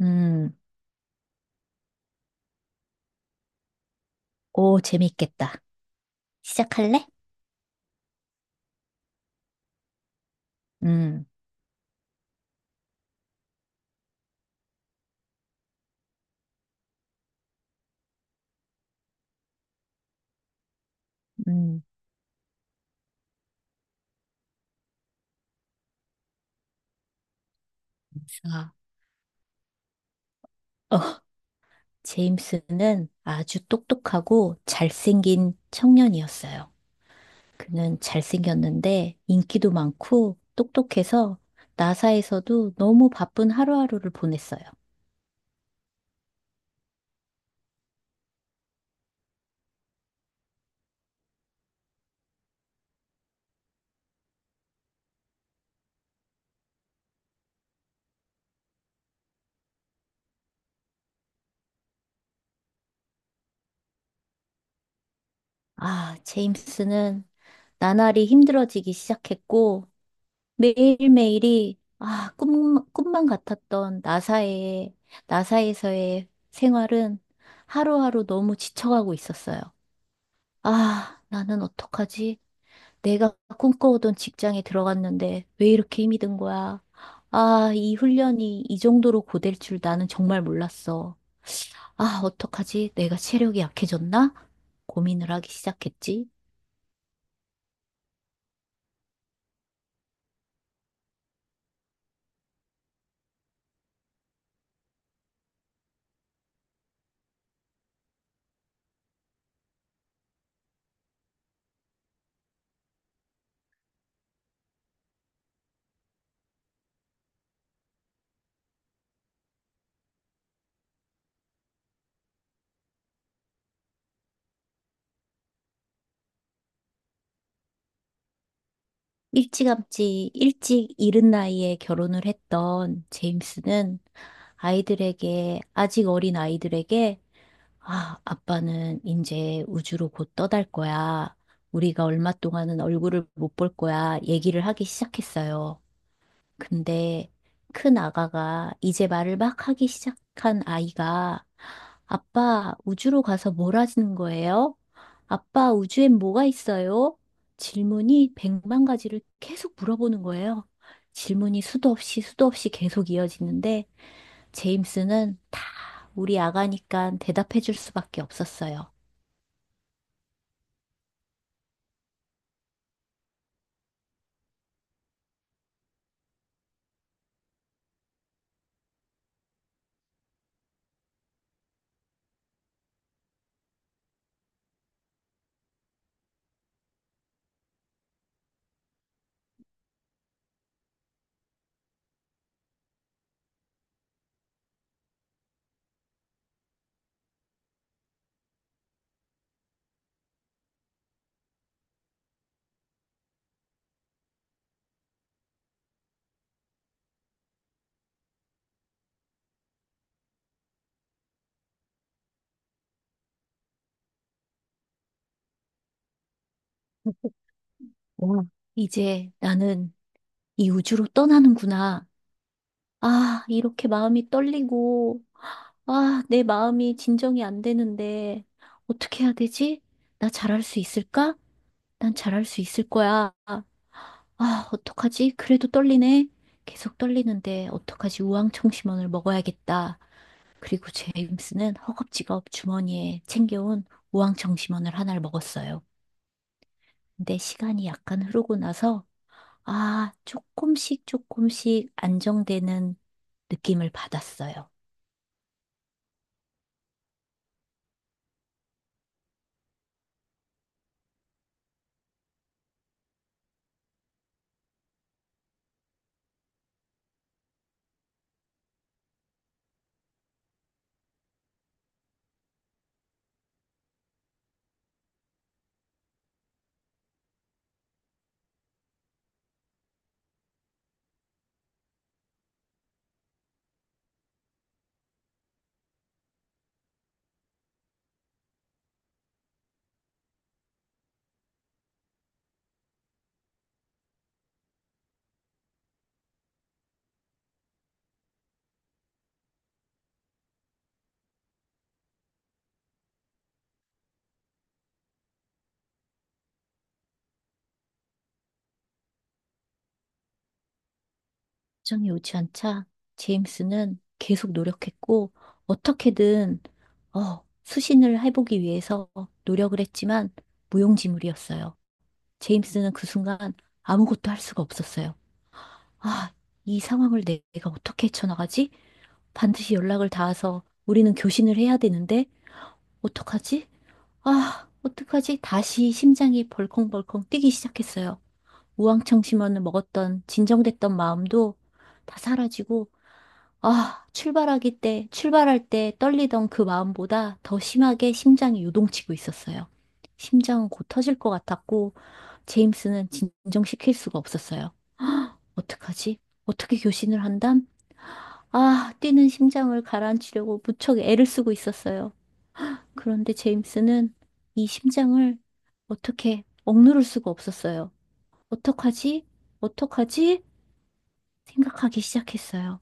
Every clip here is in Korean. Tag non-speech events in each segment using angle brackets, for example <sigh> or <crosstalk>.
음. 오, 재밌겠다. 시작할래? 음. 음. 아, 어, 제임스는 아주 똑똑하고 잘생긴 청년이었어요. 그는 잘생겼는데 인기도 많고 똑똑해서 나사에서도 너무 바쁜 하루하루를 보냈어요. 아, 제임스는 나날이 힘들어지기 시작했고 매일매일이 아, 꿈만 같았던 나사에서의 생활은 하루하루 너무 지쳐가고 있었어요. 아, 나는 어떡하지? 내가 꿈꿔오던 직장에 들어갔는데 왜 이렇게 힘이 든 거야? 아, 이 훈련이 이 정도로 고될 줄 나는 정말 몰랐어. 아, 어떡하지? 내가 체력이 약해졌나? 고민을 하기 시작했지. 일찌감치 일찍 이른 나이에 결혼을 했던 제임스는 아이들에게, 아직 어린 아이들에게, 아, 아빠는 이제 우주로 곧 떠날 거야. 우리가 얼마 동안은 얼굴을 못 볼 거야. 얘기를 하기 시작했어요. 근데 큰 아가가 이제 말을 막 하기 시작한 아이가 아빠 우주로 가서 뭘 하시는 거예요? 아빠 우주엔 뭐가 있어요? 질문이 백만 가지를 계속 물어보는 거예요. 질문이 수도 없이 계속 이어지는데 제임스는 다 우리 아가니까 대답해 줄 수밖에 없었어요. 와, 이제 나는 이 우주로 떠나는구나. 아, 이렇게 마음이 떨리고 아, 내 마음이 진정이 안 되는데, 어떻게 해야 되지? 나 잘할 수 있을까? 난 잘할 수 있을 거야. 아, 어떡하지? 그래도 떨리네. 계속 떨리는데, 어떡하지? 우황청심원을 먹어야겠다. 그리고 제임스는 허겁지겁 주머니에 챙겨온 우황청심원을 하나를 먹었어요. 근데 시간이 약간 흐르고 나서 아, 조금씩 조금씩 안정되는 느낌을 받았어요. 정이 오지 않자 제임스는 계속 노력했고 어떻게든 수신을 해보기 위해서 노력을 했지만 무용지물이었어요. 제임스는 그 순간 아무것도 할 수가 없었어요. 아, 이 상황을 내가 어떻게 헤쳐나가지? 반드시 연락을 닿아서 우리는 교신을 해야 되는데 어떡하지? 아, 어떡하지? 다시 심장이 벌컹벌컹 뛰기 시작했어요. 우황청 심원을 먹었던 진정됐던 마음도 다 사라지고 아, 출발할 때 떨리던 그 마음보다 더 심하게 심장이 요동치고 있었어요. 심장은 곧 터질 것 같았고 제임스는 진정시킬 수가 없었어요. 어떡하지? 어떻게 교신을 한담? 아, 뛰는 심장을 가라앉히려고 무척 애를 쓰고 있었어요. 그런데 제임스는 이 심장을 어떻게 억누를 수가 없었어요. 어떡하지? 어떡하지? 생각하기 시작했어요.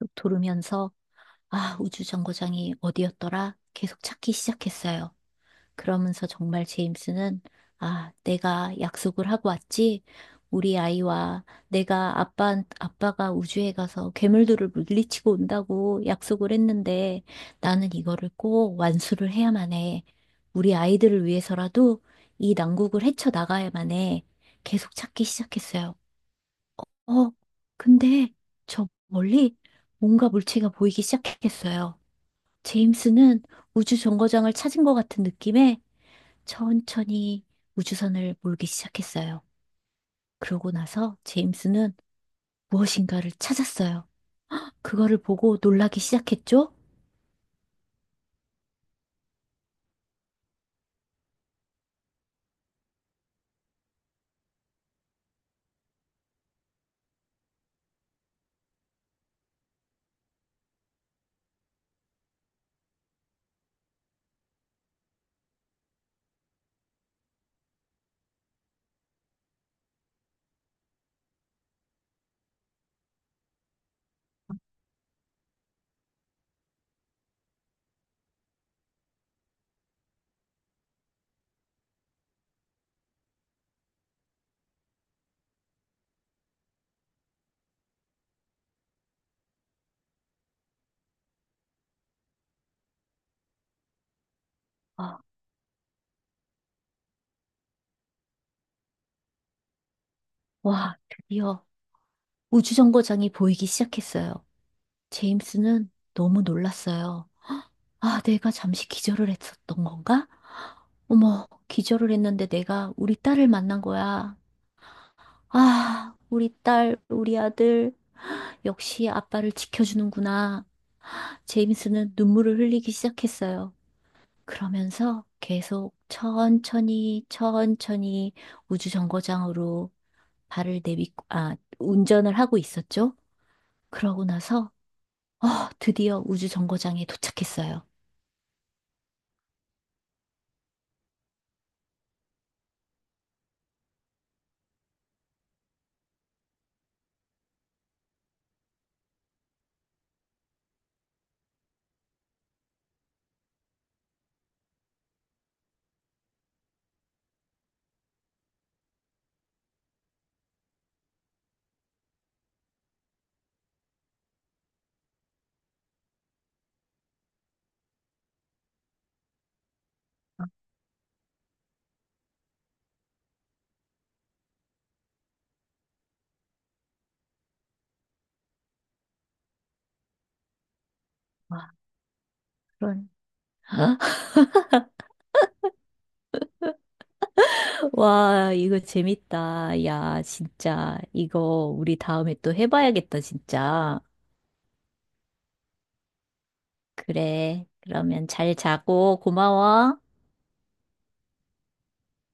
쭉 돌으면서, 아, 우주정거장이 어디였더라? 계속 찾기 시작했어요. 그러면서 정말 제임스는 아, 내가 약속을 하고 왔지. 우리 아이와 내가 아빠가 우주에 가서 괴물들을 물리치고 온다고 약속을 했는데 나는 이거를 꼭 완수를 해야만 해. 우리 아이들을 위해서라도 이 난국을 헤쳐나가야만 해. 계속 찾기 시작했어요. 어, 근데 저 멀리 뭔가 물체가 보이기 시작했어요. 제임스는 우주 정거장을 찾은 것 같은 느낌에 천천히 우주선을 몰기 시작했어요. 그러고 나서 제임스는 무엇인가를 찾았어요. 그거를 보고 놀라기 시작했죠? 아, 와, 드디어 우주정거장이 보이기 시작했어요. 제임스는 너무 놀랐어요. 아, 내가 잠시 기절을 했었던 건가? 어머, 기절을 했는데 내가 우리 딸을 만난 거야. 아, 우리 딸, 우리 아들, 역시 아빠를 지켜주는구나. 제임스는 눈물을 흘리기 시작했어요. 그러면서 계속 천천히 우주정거장으로 발을 내딛고, 아, 운전을 하고 있었죠. 그러고 나서, 어, 드디어 우주정거장에 도착했어요. 와, 그런. <laughs> 와, 이거 재밌다. 야, 진짜. 이거 우리 다음에 또 해봐야겠다, 진짜. 그래. 그러면 잘 자고 고마워.